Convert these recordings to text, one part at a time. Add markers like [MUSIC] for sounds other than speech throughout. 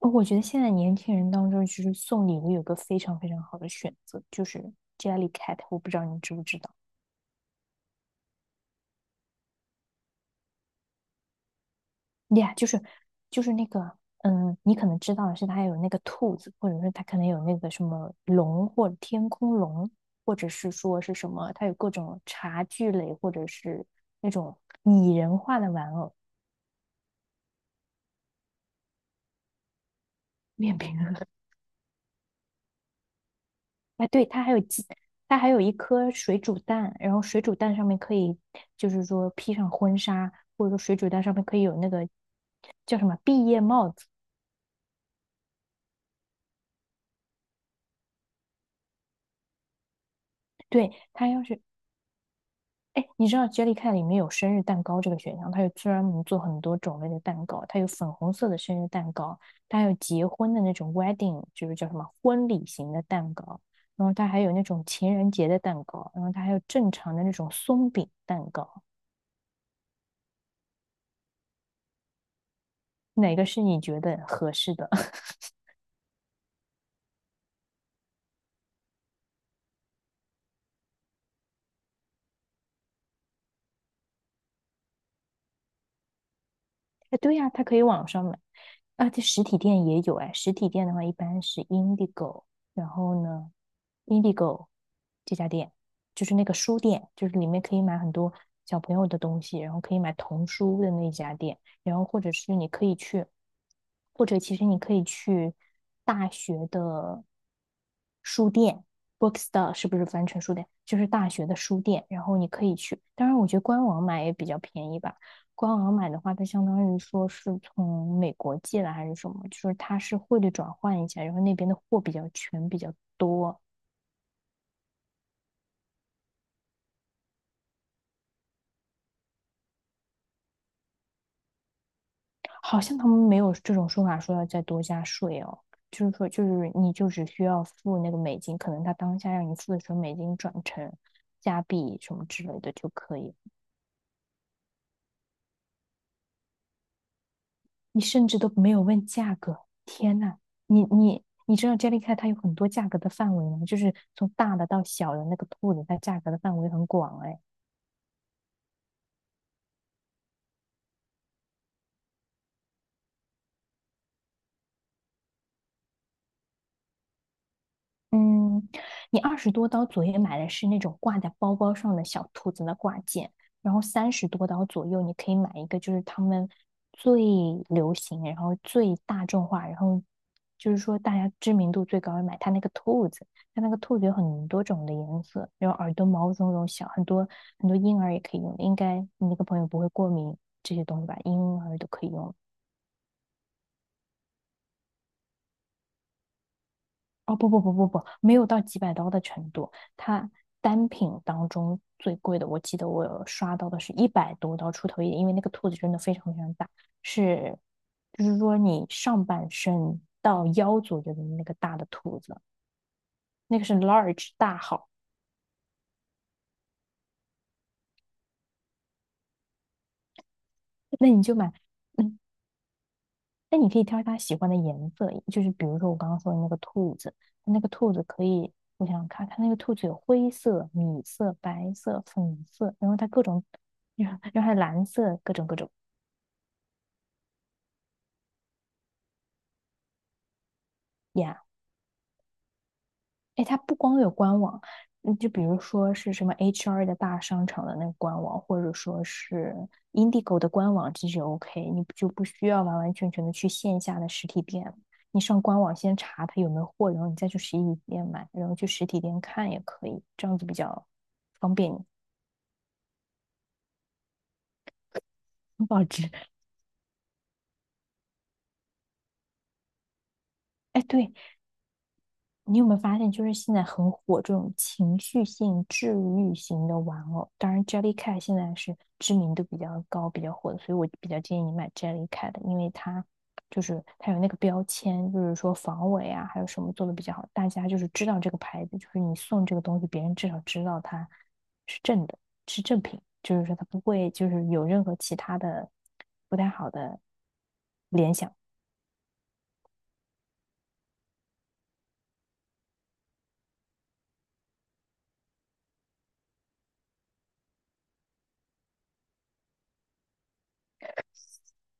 哦，我觉得现在年轻人当中，就是送礼物有个非常非常好的选择，就是 Jellycat，我不知道你知不知道呀就是那个，你可能知道的是它有那个兔子，或者是它可能有那个什么龙或者天空龙，或者是说是什么，它有各种茶具类或者是那种拟人化的玩偶，面 [LAUGHS] 饼哎，对，它还有鸡，它还有一颗水煮蛋，然后水煮蛋上面可以，就是说披上婚纱，或者说水煮蛋上面可以有那个叫什么毕业帽子。对，它要是，哎，你知道 Jellycat 里面有生日蛋糕这个选项，它有专门做很多种类的蛋糕，它有粉红色的生日蛋糕，它还有结婚的那种 wedding，就是叫什么婚礼型的蛋糕，然后它还有那种情人节的蛋糕，然后它还有正常的那种松饼蛋糕，哪个是你觉得合适的？哎，对呀、它可以网上买，啊，这实体店也有哎。实体店的话，一般是 Indigo，然后呢，Indigo 这家店就是那个书店，就是里面可以买很多小朋友的东西，然后可以买童书的那家店，然后或者是你可以去，或者其实你可以去大学的书店，Bookstore 是不是翻成书店？就是大学的书店，然后你可以去。当然，我觉得官网买也比较便宜吧。官网买的话，它相当于说是从美国寄来还是什么，就是它是汇率转换一下，然后那边的货比较全，比较多，好像他们没有这种说法说要再多加税哦，就是说就是你就只需要付那个美金，可能他当下让你付的时候美金转成加币什么之类的就可以，你甚至都没有问价格，天呐，你你。你知道 Jellycat 它有很多价格的范围吗？就是从大的到小的那个兔子，它价格的范围很广哎。嗯，你20多刀左右买的是那种挂在包包上的小兔子的挂件，然后30多刀左右你可以买一个，就是他们最流行，然后最大众化，然后就是说大家知名度最高，的买它那个兔子，它那个兔子有很多种的颜色，然后耳朵毛茸茸小，很多很多婴儿也可以用，应该你那个朋友不会过敏这些东西吧？婴儿都可以用。哦，不不不不不，没有到几百刀的程度。它单品当中最贵的，我记得我有刷到的是100多刀出头一点，因为那个兔子真的非常非常大，是就是说你上半身到腰左右的那个大的兔子，那个是 large 大号，那你就买。嗯，那你可以挑他喜欢的颜色，就是比如说我刚刚说的那个兔子，那个兔子可以，我想想看，它那个兔子有灰色、米色、白色、粉色，然后它各种，[LAUGHS] 然后还有蓝色，各种各种呀。哎，它不光有官网，嗯，就比如说是什么 HR 的大商场的那个官网，或者说是 Indigo 的官网，这就 OK，你就不需要完完全全的去线下的实体店了，你上官网先查它有没有货，然后你再去实体店买，然后去实体店看也可以，这样子比较方便你。很保值。哎，对，你有没有发现，就是现在很火这种情绪性、治愈型的玩偶？当然，Jellycat 现在是知名度比较高、比较火的，所以我比较建议你买 Jellycat 的因为它就是它有那个标签，就是说防伪啊，还有什么做的比较好，大家就是知道这个牌子，就是你送这个东西，别人至少知道它是正的，是正品，就是说它不会就是有任何其他的不太好的联想。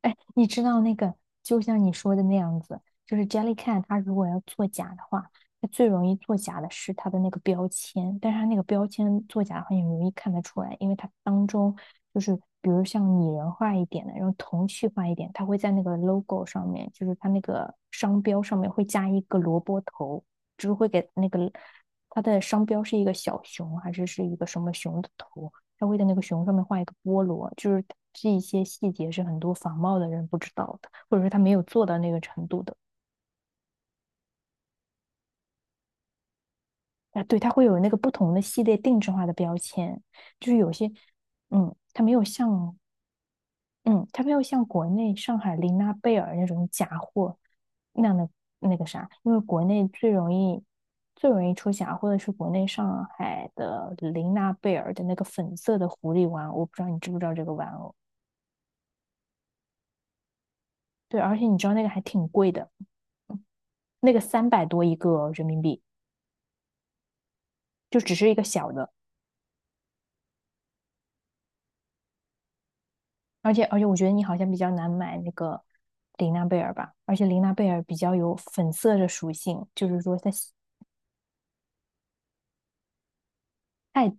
哎，你知道那个，就像你说的那样子，就是 Jellycat，它如果要作假的话，它最容易作假的是它的那个标签，但是它那个标签作假很话，你容易看得出来，因为它当中就是比如像拟人化一点的，然后童趣化一点，它会在那个 logo 上面，就是它那个商标上面会加一个萝卜头，就是会给那个它的商标是一个小熊还是一个什么熊的头，他会在那个熊上面画一个菠萝，就是这一些细节是很多仿冒的人不知道的，或者说他没有做到那个程度的。啊，对，他会有那个不同的系列定制化的标签，就是有些，嗯，他没有像，嗯，他没有像国内上海琳娜贝尔那种假货那样的那个啥，因为国内最容易出假货的是国内上海的琳娜贝尔的那个粉色的狐狸玩偶，我不知道你知不知道这个玩偶？对，而且你知道那个还挺贵的，那个300多一个人民币，就只是一个小的，而且我觉得你好像比较难买那个玲娜贝尔吧，而且玲娜贝尔比较有粉色的属性，就是说它太，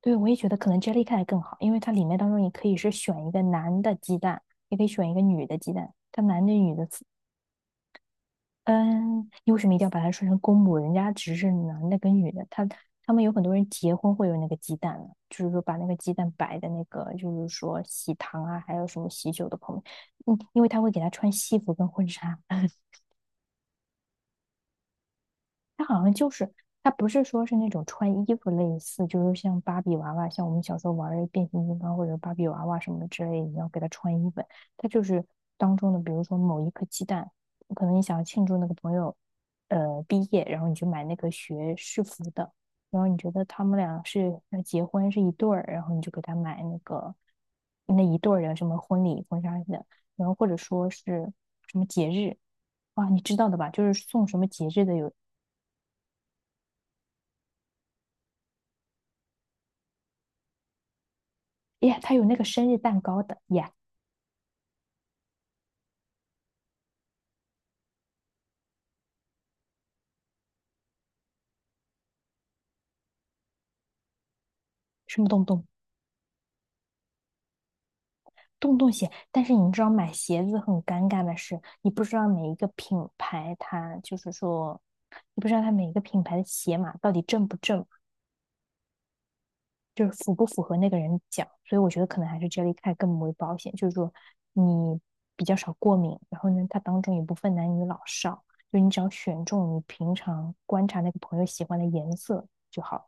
对，我也觉得可能 Jellycat 更好，因为它里面当中你可以是选一个男的鸡蛋，也可以选一个女的鸡蛋，它男的女的嗯，你为什么一定要把它说成公母？人家只是男的跟女的，他们有很多人结婚会有那个鸡蛋呢，就是说把那个鸡蛋摆在那个，就是说喜糖啊，还有什么喜酒的旁边，嗯，因为他会给他穿西服跟婚纱。[LAUGHS] 它好像就是它不是说是那种穿衣服类似，就是像芭比娃娃，像我们小时候玩儿的变形金刚或者芭比娃娃什么之类的，你要给它穿衣服。它就是当中的，比如说某一颗鸡蛋，可能你想要庆祝那个朋友毕业，然后你就买那个学士服的，然后你觉得他们俩是要结婚是一对儿，然后你就给他买那个那一对儿的什么婚礼婚纱的，然后或者说是什么节日。哇，你知道的吧？就是送什么节日的有耶，他有那个生日蛋糕的耶，什么洞洞鞋。但是你知道买鞋子很尴尬的是，你不知道每一个品牌它就是说，你不知道它每一个品牌的鞋码到底正不正，就是符不符合那个人脚。所以我觉得可能还是 Jellycat 更为保险，就是说你比较少过敏，然后呢，它当中也不分男女老少，就你只要选中你平常观察那个朋友喜欢的颜色就好了。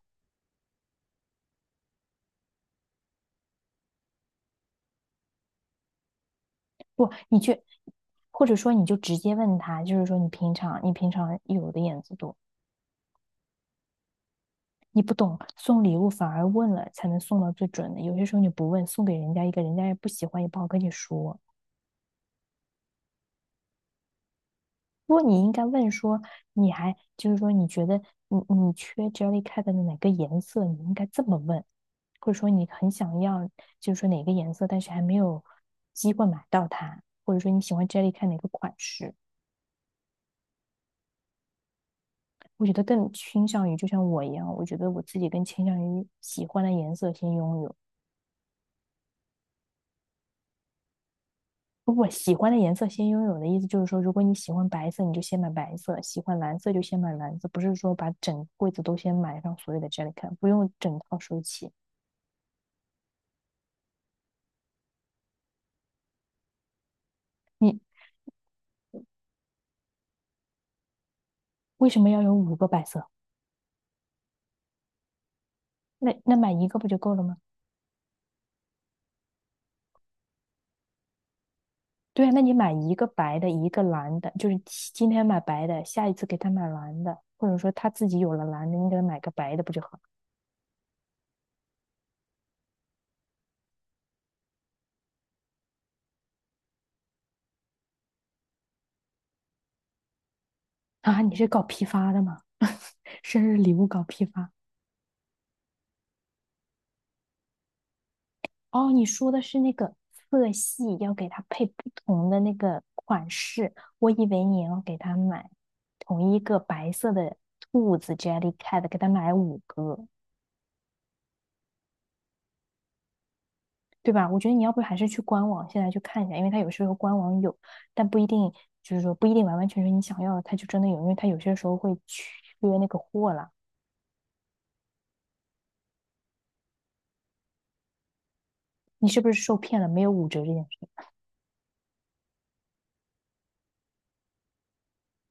不，你去，或者说你就直接问他，就是说你平常有的眼子多，你不懂送礼物，反而问了才能送到最准的。有些时候你不问，送给人家一个人家也不喜欢，也不好跟你说。不过你应该问说，你还就是说你觉得你缺 Jellycat 的哪个颜色，你应该这么问，或者说你很想要就是说哪个颜色，但是还没有机会买到它，或者说你喜欢 Jellycat 哪个款式。我觉得更倾向于，就像我一样，我觉得我自己更倾向于喜欢的颜色先拥有。不不，喜欢的颜色先拥有的意思就是说，如果你喜欢白色，你就先买白色；喜欢蓝色就先买蓝色，不是说把整柜子都先买上所有的 j e l l y c a 不用整套收齐。你为什么要有五个白色？那买一个不就够了吗？对啊，那你买一个白的，一个蓝的，就是今天买白的，下一次给他买蓝的，或者说他自己有了蓝的，你给他买个白的，不就好？啊，你是搞批发的吗？[LAUGHS] 生日礼物搞批发？哦，你说的是那个色系，要给它配不同的那个款式。我以为你要给他买同一个白色的兔子 Jellycat，给他买五个，对吧？我觉得你要不还是去官网现在去看一下，因为它有时候官网有，但不一定就是说不一定完完全全你想要的，它就真的有，因为它有些时候会缺那个货啦。你是不是受骗了？没有五折这件事？